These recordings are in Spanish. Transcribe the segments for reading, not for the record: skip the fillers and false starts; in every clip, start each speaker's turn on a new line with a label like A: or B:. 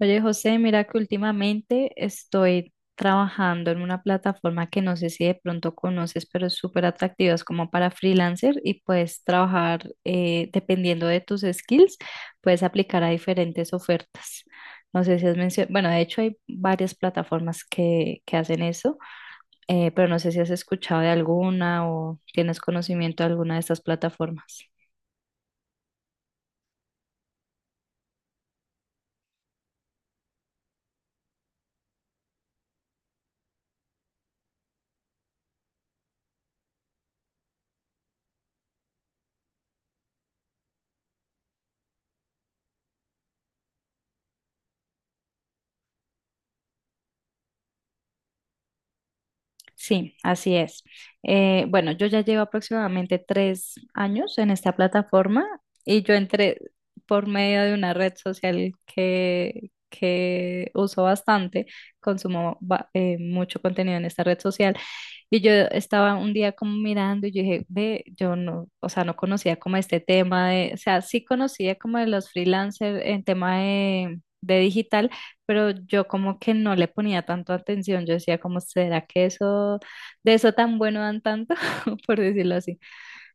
A: Oye, José, mira que últimamente estoy trabajando en una plataforma que no sé si de pronto conoces, pero es súper atractiva, es como para freelancer y puedes trabajar dependiendo de tus skills, puedes aplicar a diferentes ofertas. No sé si has mencionado, bueno, de hecho hay varias plataformas que hacen eso, pero no sé si has escuchado de alguna o tienes conocimiento de alguna de estas plataformas. Sí, así es. Bueno, yo ya llevo aproximadamente 3 años en esta plataforma y yo entré por medio de una red social que uso bastante, consumo mucho contenido en esta red social y yo estaba un día como mirando y yo dije, ve, yo no, o sea, no conocía como este tema de, o sea, sí conocía como de los freelancers en tema de digital, pero yo como que no le ponía tanto atención, yo decía como, ¿será que eso, de eso tan bueno dan tanto? por decirlo así.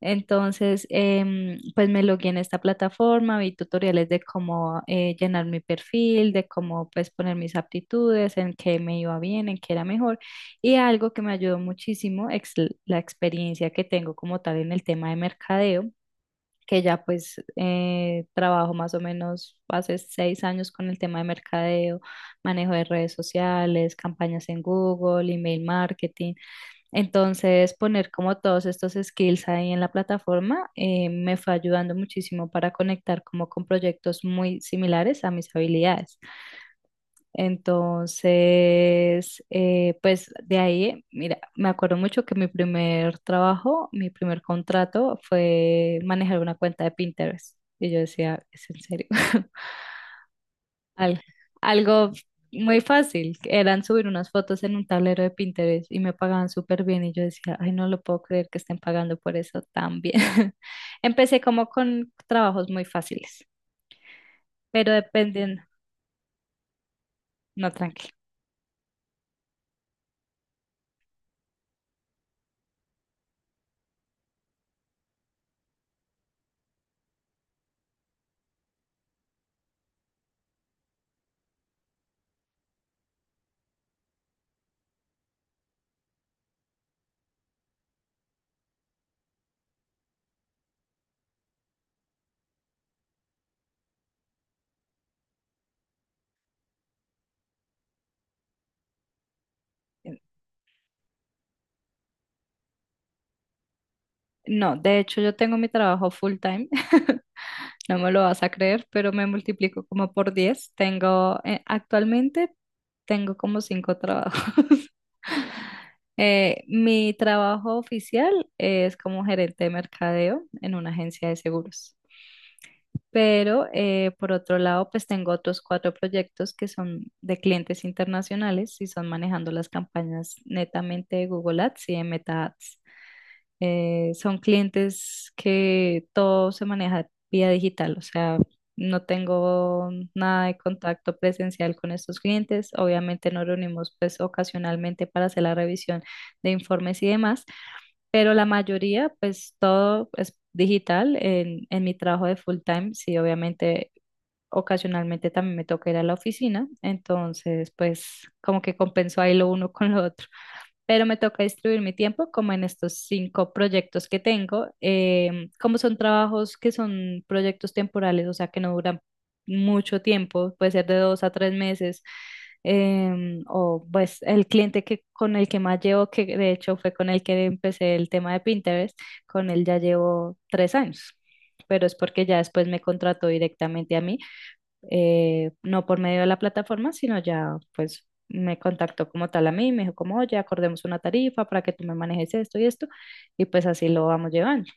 A: Entonces, pues me logué en esta plataforma, vi tutoriales de cómo llenar mi perfil, de cómo pues poner mis aptitudes, en qué me iba bien, en qué era mejor, y algo que me ayudó muchísimo es la experiencia que tengo como tal en el tema de mercadeo que ya pues trabajo más o menos hace 6 años con el tema de mercadeo, manejo de redes sociales, campañas en Google, email marketing. Entonces, poner como todos estos skills ahí en la plataforma me fue ayudando muchísimo para conectar como con proyectos muy similares a mis habilidades. Entonces, pues de ahí, mira, me acuerdo mucho que mi primer trabajo, mi primer contrato fue manejar una cuenta de Pinterest. Y yo decía, ¿es en serio? Al- algo muy fácil, que eran subir unas fotos en un tablero de Pinterest y me pagaban súper bien. Y yo decía, ay, no lo puedo creer que estén pagando por eso tan bien. Empecé como con trabajos muy fáciles, pero dependiendo, no, tranquilo. No, de hecho yo tengo mi trabajo full time, no me lo vas a creer, pero me multiplico como por 10. Tengo, actualmente tengo como 5 trabajos. Mi trabajo oficial es como gerente de mercadeo en una agencia de seguros. Pero por otro lado, pues tengo otros 4 proyectos que son de clientes internacionales y son manejando las campañas netamente de Google Ads y de Meta Ads. Son clientes que todo se maneja vía digital, o sea, no tengo nada de contacto presencial con estos clientes. Obviamente nos reunimos pues ocasionalmente para hacer la revisión de informes y demás, pero la mayoría pues todo es digital en mi trabajo de full time, sí, obviamente. Ocasionalmente también me toca ir a la oficina, entonces pues como que compenso ahí lo uno con lo otro, pero me toca distribuir mi tiempo como en estos 5 proyectos que tengo, como son trabajos que son proyectos temporales, o sea, que no duran mucho tiempo, puede ser de 2 a 3 meses, o pues el cliente que, con el que más llevo, que de hecho fue con el que empecé el tema de Pinterest, con él ya llevo 3 años. Pero es porque ya después me contrató directamente a mí, no por medio de la plataforma, sino ya pues me contactó como tal a mí, me dijo como, oye, acordemos una tarifa para que tú me manejes esto y esto, y pues así lo vamos llevando.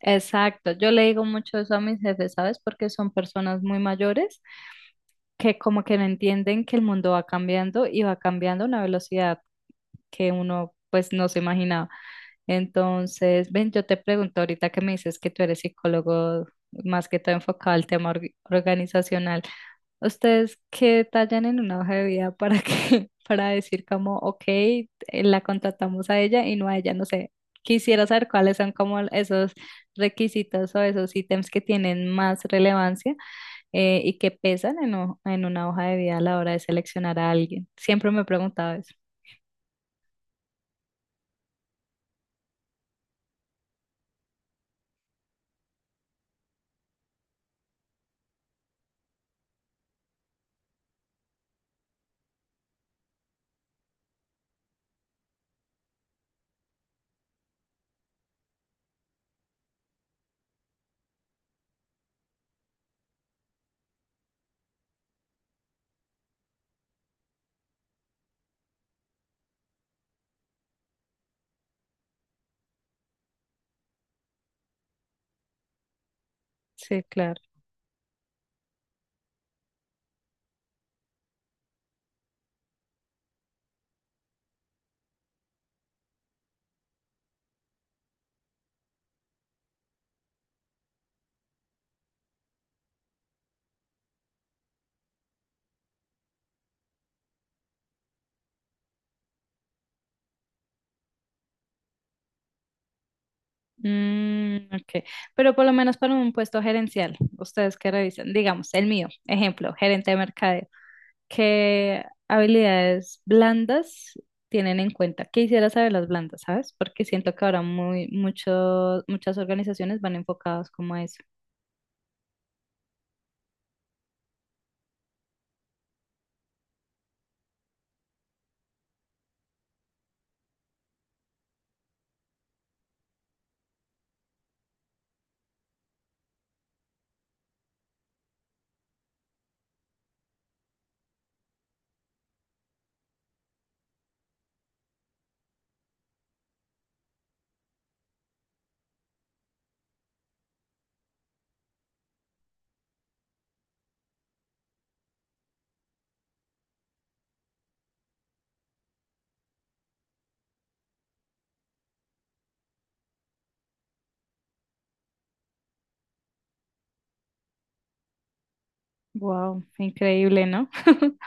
A: Exacto, yo le digo mucho eso a mis jefes, ¿sabes? Porque son personas muy mayores que como que no entienden que el mundo va cambiando y va cambiando a una velocidad que uno pues no se imaginaba. Entonces, ven, yo te pregunto ahorita que me dices que tú eres psicólogo más que todo enfocado al tema organizacional. ¿Ustedes qué detallan en una hoja de vida para que, para decir como, ok, la contratamos a ella y no a ella? No sé, quisiera saber cuáles son como esos requisitos o esos ítems que tienen más relevancia y que pesan en, en una hoja de vida a la hora de seleccionar a alguien. Siempre me he preguntado eso. Sí, claro. Mm, ok, pero por lo menos para un puesto gerencial, ¿ustedes qué revisan? Digamos, el mío, ejemplo, gerente de mercadeo. ¿Qué habilidades blandas tienen en cuenta? Quisiera saber las blandas, ¿sabes? Porque siento que ahora muchas organizaciones van enfocadas como a eso. Wow, increíble, ¿no?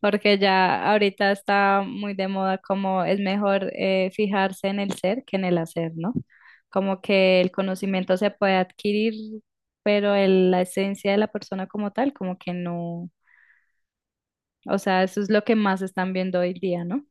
A: Porque ya ahorita está muy de moda como es mejor fijarse en el ser que en el hacer, ¿no? Como que el conocimiento se puede adquirir, pero la esencia de la persona como tal, como que no. O sea, eso es lo que más están viendo hoy día, ¿no?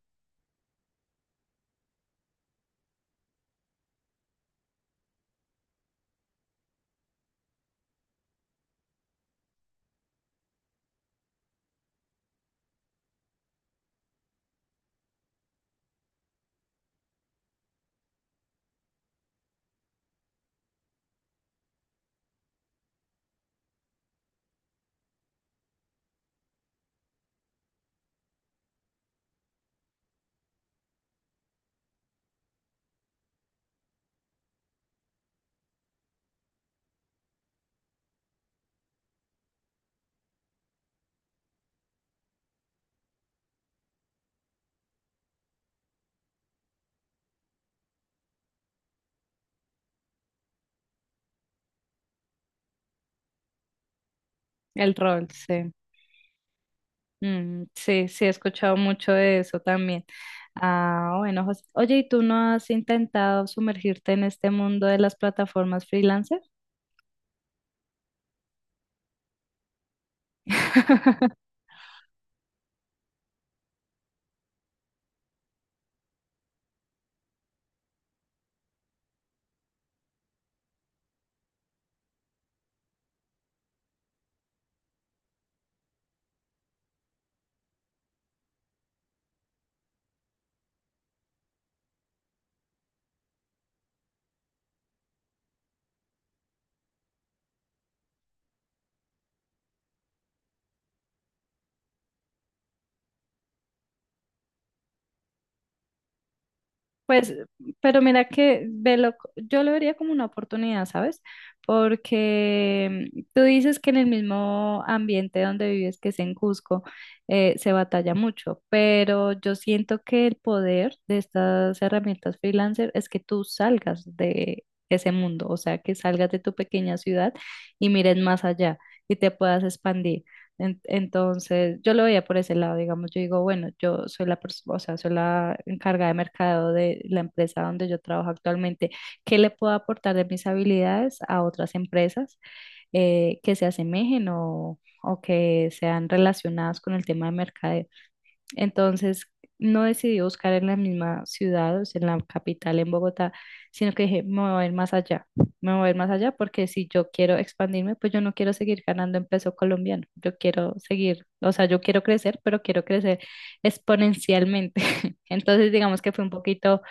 A: El rol, sí. Mm, sí, sí, he escuchado mucho de eso también. Ah, bueno, José. Oye, ¿y tú no has intentado sumergirte en este mundo de las plataformas freelancer? Pues, pero mira que velo, yo lo vería como una oportunidad, ¿sabes? Porque mm, tú dices que en el mismo ambiente donde vives, que es en Cusco, se batalla mucho, pero yo siento que el poder de estas herramientas freelancer es que tú salgas de ese mundo, o sea, que salgas de tu pequeña ciudad y mires más allá y te puedas expandir. Entonces, yo lo veía por ese lado, digamos, yo digo, bueno, yo soy la persona, o sea, soy la encargada de mercado de la empresa donde yo trabajo actualmente. ¿Qué le puedo aportar de mis habilidades a otras empresas que se asemejen o que sean relacionadas con el tema de mercadeo? Entonces, no decidí buscar en la misma ciudad, o sea, en la capital, en Bogotá, sino que dije, me voy a ir más allá, me voy a ir más allá porque si yo quiero expandirme, pues yo no quiero seguir ganando en peso colombiano, yo quiero seguir, o sea, yo quiero crecer, pero quiero crecer exponencialmente. Entonces, digamos que fue un poquito,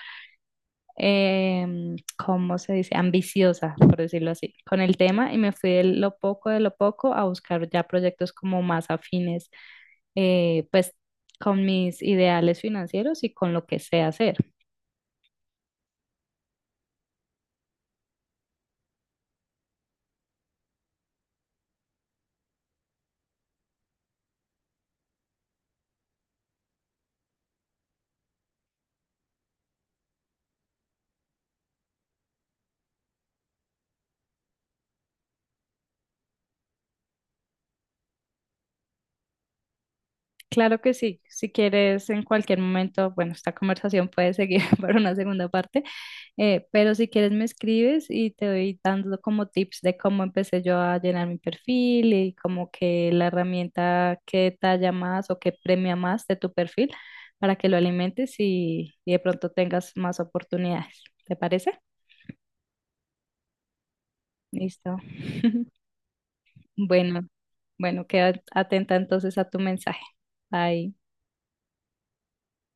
A: em, ¿cómo se dice? Ambiciosa, por decirlo así, con el tema y me fui de lo poco a buscar ya proyectos como más afines pues con mis ideales financieros y con lo que sé hacer. Claro que sí, si quieres en cualquier momento, bueno, esta conversación puede seguir para una segunda parte, pero si quieres me escribes y te doy dando como tips de cómo empecé yo a llenar mi perfil y como que la herramienta que talla más o que premia más de tu perfil para que lo alimentes y de pronto tengas más oportunidades. ¿Te parece? Listo. Bueno, bueno, queda atenta entonces a tu mensaje. Bye.